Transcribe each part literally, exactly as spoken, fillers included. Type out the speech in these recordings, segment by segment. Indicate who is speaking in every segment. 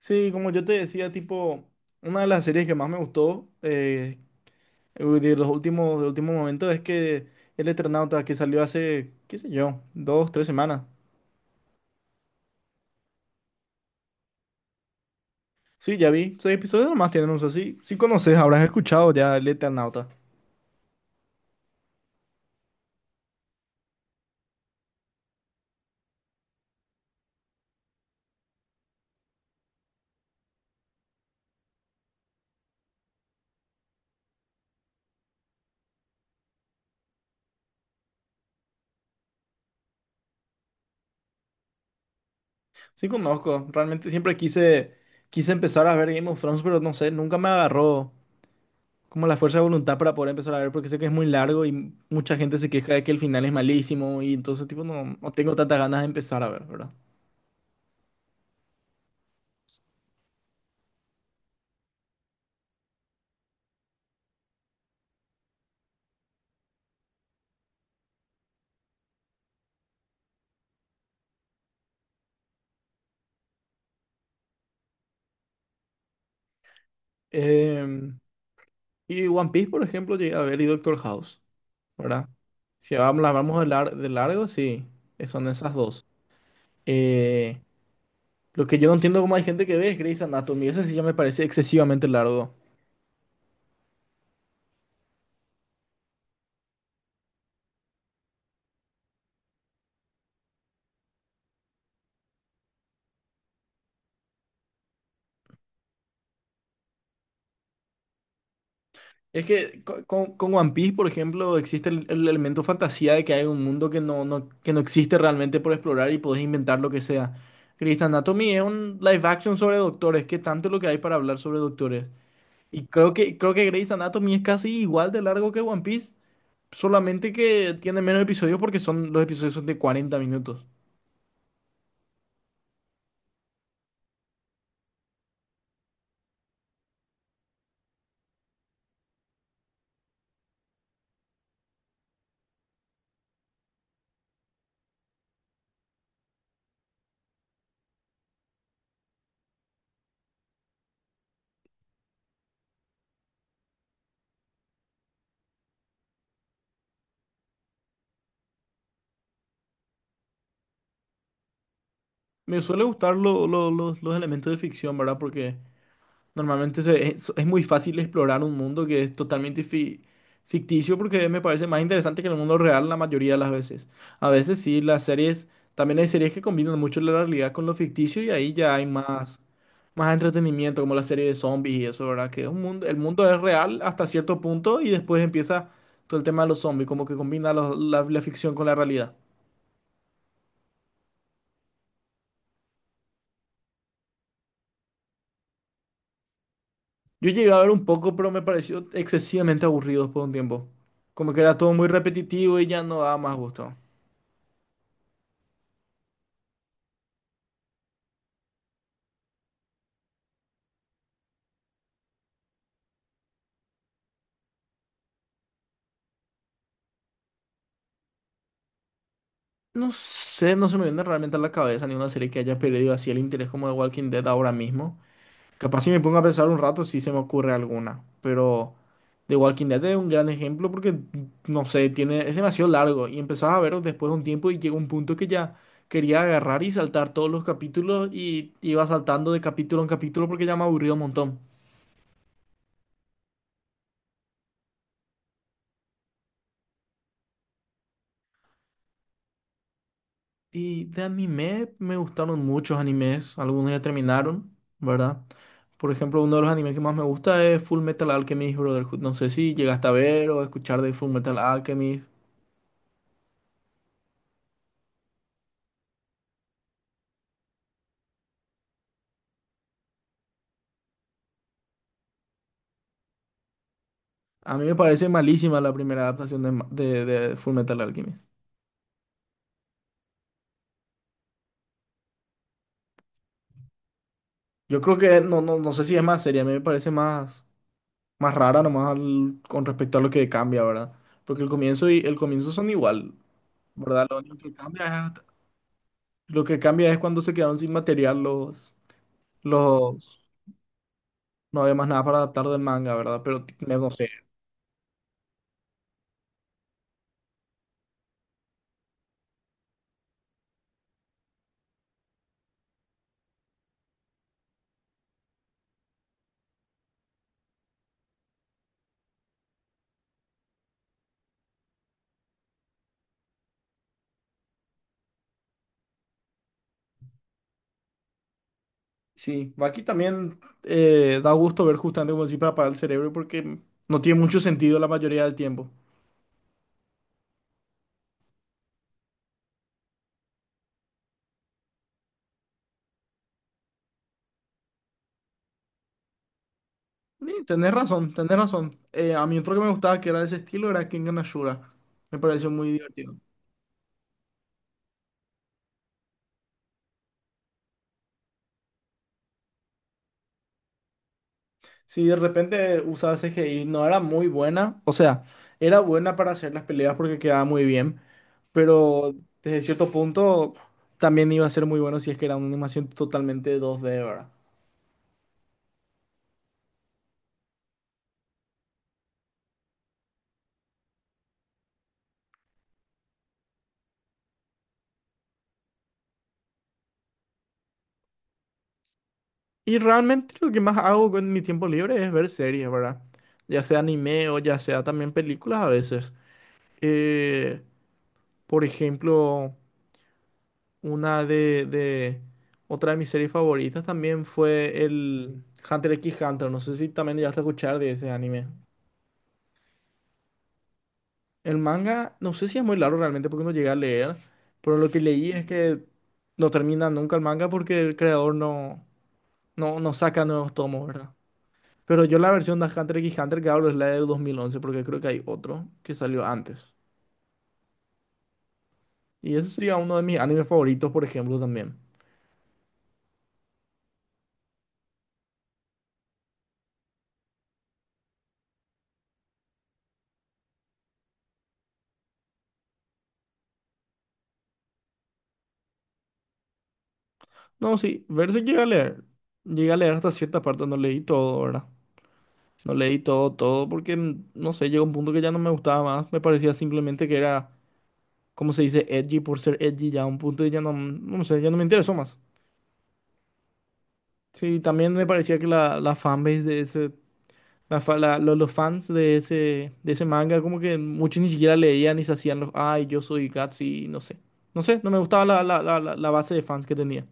Speaker 1: Sí, como yo te decía, tipo, una de las series que más me gustó eh, de los últimos, de últimos momentos es que El Eternauta, que salió hace, qué sé yo, dos, tres semanas. Sí, ya vi, seis episodios nomás tienen uso, sí, sí conoces, habrás escuchado ya El Eternauta. Sí conozco, realmente siempre quise, quise empezar a ver Game of Thrones, pero no sé, nunca me agarró como la fuerza de voluntad para poder empezar a ver, porque sé que es muy largo y mucha gente se queja de que el final es malísimo y entonces, tipo, no, no tengo tantas ganas de empezar a ver, ¿verdad? Em, Y One Piece, por ejemplo, llegué a ver y Doctor House, ¿verdad? Si vamos, la vamos de, lar- de largo, sí, eh, son esas dos. Eh, lo que yo no entiendo cómo hay gente que ve es Grey's Anatomy, eso sí ya me parece excesivamente largo. Es que co- con, con One Piece, por ejemplo, existe el, el elemento fantasía de que hay un mundo que no, no, que no existe realmente por explorar y podés inventar lo que sea. Grey's Anatomy es un live action sobre doctores, ¿qué tanto es lo que hay para hablar sobre doctores? Y creo que, creo que Grey's Anatomy es casi igual de largo que One Piece. Solamente que tiene menos episodios porque son, los episodios son de cuarenta minutos. Me suele gustar lo- lo- los los elementos de ficción, ¿verdad? Porque normalmente se- es, es muy fácil explorar un mundo que es totalmente fi- ficticio porque me parece más interesante que el mundo real la mayoría de las veces. A veces sí, las series, también hay series que combinan mucho la realidad con lo ficticio y ahí ya hay más, más entretenimiento, como la serie de zombies y eso, ¿verdad? Que es un mundo, el mundo es real hasta cierto punto y después empieza todo el tema de los zombies, como que combina los- la, la ficción con la realidad. Yo llegué a ver un poco, pero me pareció excesivamente aburrido por un tiempo. Como que era todo muy repetitivo y ya no daba más gusto. No sé, no se me viene realmente a la cabeza ninguna serie que haya perdido así el interés como de Walking Dead ahora mismo. Capaz si me pongo a pensar un rato, sí se me ocurre alguna. Pero The Walking Dead es un gran ejemplo porque, no sé, tiene, es demasiado largo. Y empezaba a verlo después de un tiempo y llegó un punto que ya quería agarrar y saltar todos los capítulos y iba saltando de capítulo en capítulo porque ya me aburrió un montón. Y de anime me gustaron muchos animes, algunos ya terminaron, ¿verdad? Por ejemplo, uno de los animes que más me gusta es Full Metal Alchemist Brotherhood. No sé si llegaste a ver o escuchar de Full Metal Alchemist. A mí me parece malísima la primera adaptación de, ma- de, de Full Metal Alchemist. Yo creo que no, no, no sé si es más seria, a mí me parece más, más rara nomás al- con respecto a lo que cambia, ¿verdad? Porque el comienzo y el comienzo son igual, ¿verdad? Lo único que cambia es, hasta- lo que cambia es cuando se quedaron sin material los los No había más nada para adaptar del manga, ¿verdad? Pero t- me- no sé. Sí, aquí también eh, da gusto ver justamente como decís para apagar el cerebro porque no tiene mucho sentido la mayoría del tiempo. Sí, tenés razón, tenés razón. Eh, a mí otro que me gustaba que era de ese estilo era Kengan Ashura. Me pareció muy divertido. Sí, de repente usaba C G I, no era muy buena. O sea, era buena para hacer las peleas porque quedaba muy bien. Pero desde cierto punto también iba a ser muy bueno si es que era una animación totalmente dos D, ¿verdad? Y realmente lo que más hago con mi tiempo libre es ver series, ¿verdad? Ya sea anime o ya sea también películas a veces. Eh, por ejemplo, una de, de- otra de mis series favoritas también fue el Hunter x Hunter. No sé si también llegaste a escuchar de ese anime. El manga, no sé si es muy largo realmente porque no llegué a leer, pero lo que leí es que no termina nunca el manga porque el creador no, no, no saca nuevos tomos, ¿verdad? Pero yo la versión de Hunter x Hunter que hablo es la del dos mil once porque creo que hay otro que salió antes. Y ese sería uno de mis animes favoritos, por ejemplo, también. No, sí, Berserk llegué a leer. Llegué a leer hasta cierta parte, no leí todo, ¿verdad? No leí todo, todo, porque, n- no sé, llegó un punto que ya no me gustaba más. Me parecía simplemente que era, como se dice, edgy por ser edgy, ya a un punto que ya no, no sé, ya no me interesó más. Sí, también me parecía que la, la fanbase de ese... La fa- la- lo- los fans de ese, de ese manga, como que muchos ni siquiera leían y se hacían los, ay, yo soy Gutsy, no sé. No sé, no me gustaba la, la, la, la la base de fans que tenía.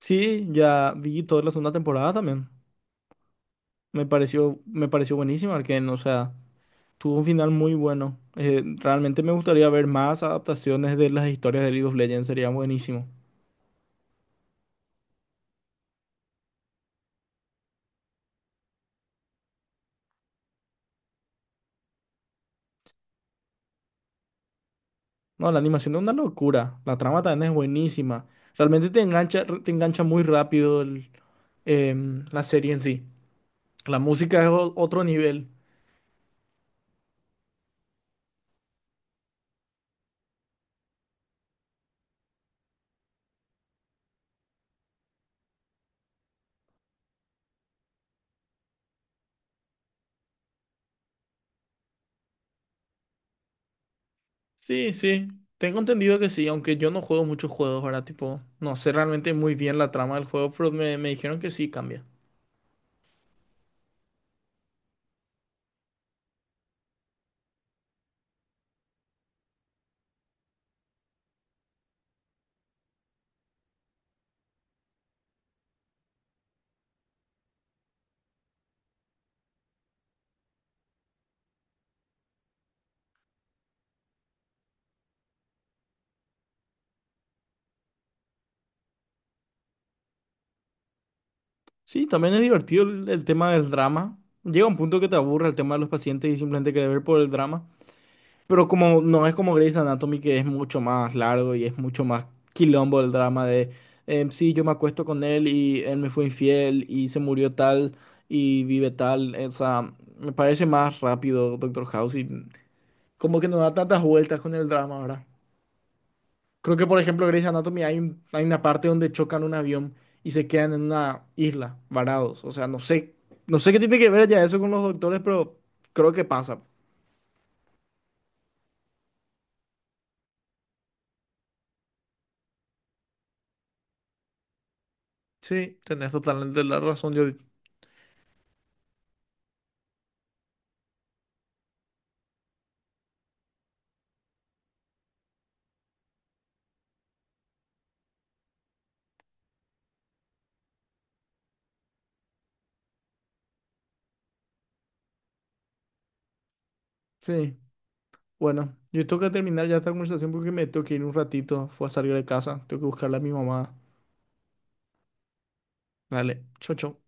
Speaker 1: Sí, ya vi toda la segunda temporada también. Me pareció, me pareció buenísima, Arcane, o sea, tuvo un final muy bueno. Eh, realmente me gustaría ver más adaptaciones de las historias de League of Legends, sería buenísimo. No, la animación es una locura, la trama también es buenísima. Realmente te engancha, te engancha muy rápido el, em, la serie en sí. La música es o- otro nivel. Sí, sí. Tengo entendido que sí, aunque yo no juego muchos juegos, ¿verdad? Tipo, no sé realmente muy bien la trama del juego, pero me, me dijeron que sí cambia. Sí, también es divertido el, el tema del drama. Llega un punto que te aburre el tema de los pacientes y simplemente querer ver por el drama. Pero como no es como Grey's Anatomy, que es mucho más largo y es mucho más quilombo el drama de, em, sí, yo me acuesto con él y él me fue infiel y se murió tal y vive tal. O sea, me parece más rápido Doctor House y... como que no da tantas vueltas con el drama ahora. Creo que, por ejemplo, Grey's Anatomy hay, un- hay una parte donde chocan un avión y se quedan en una isla, varados. O sea, no sé, no sé qué tiene que ver ya eso con los doctores, pero creo que pasa. Sí, tenés totalmente la razón, yo. Sí, bueno, yo tengo que terminar ya esta conversación porque me tengo que ir un ratito. Fue a salir de casa, tengo que buscarle a mi mamá. Dale, chau, chau.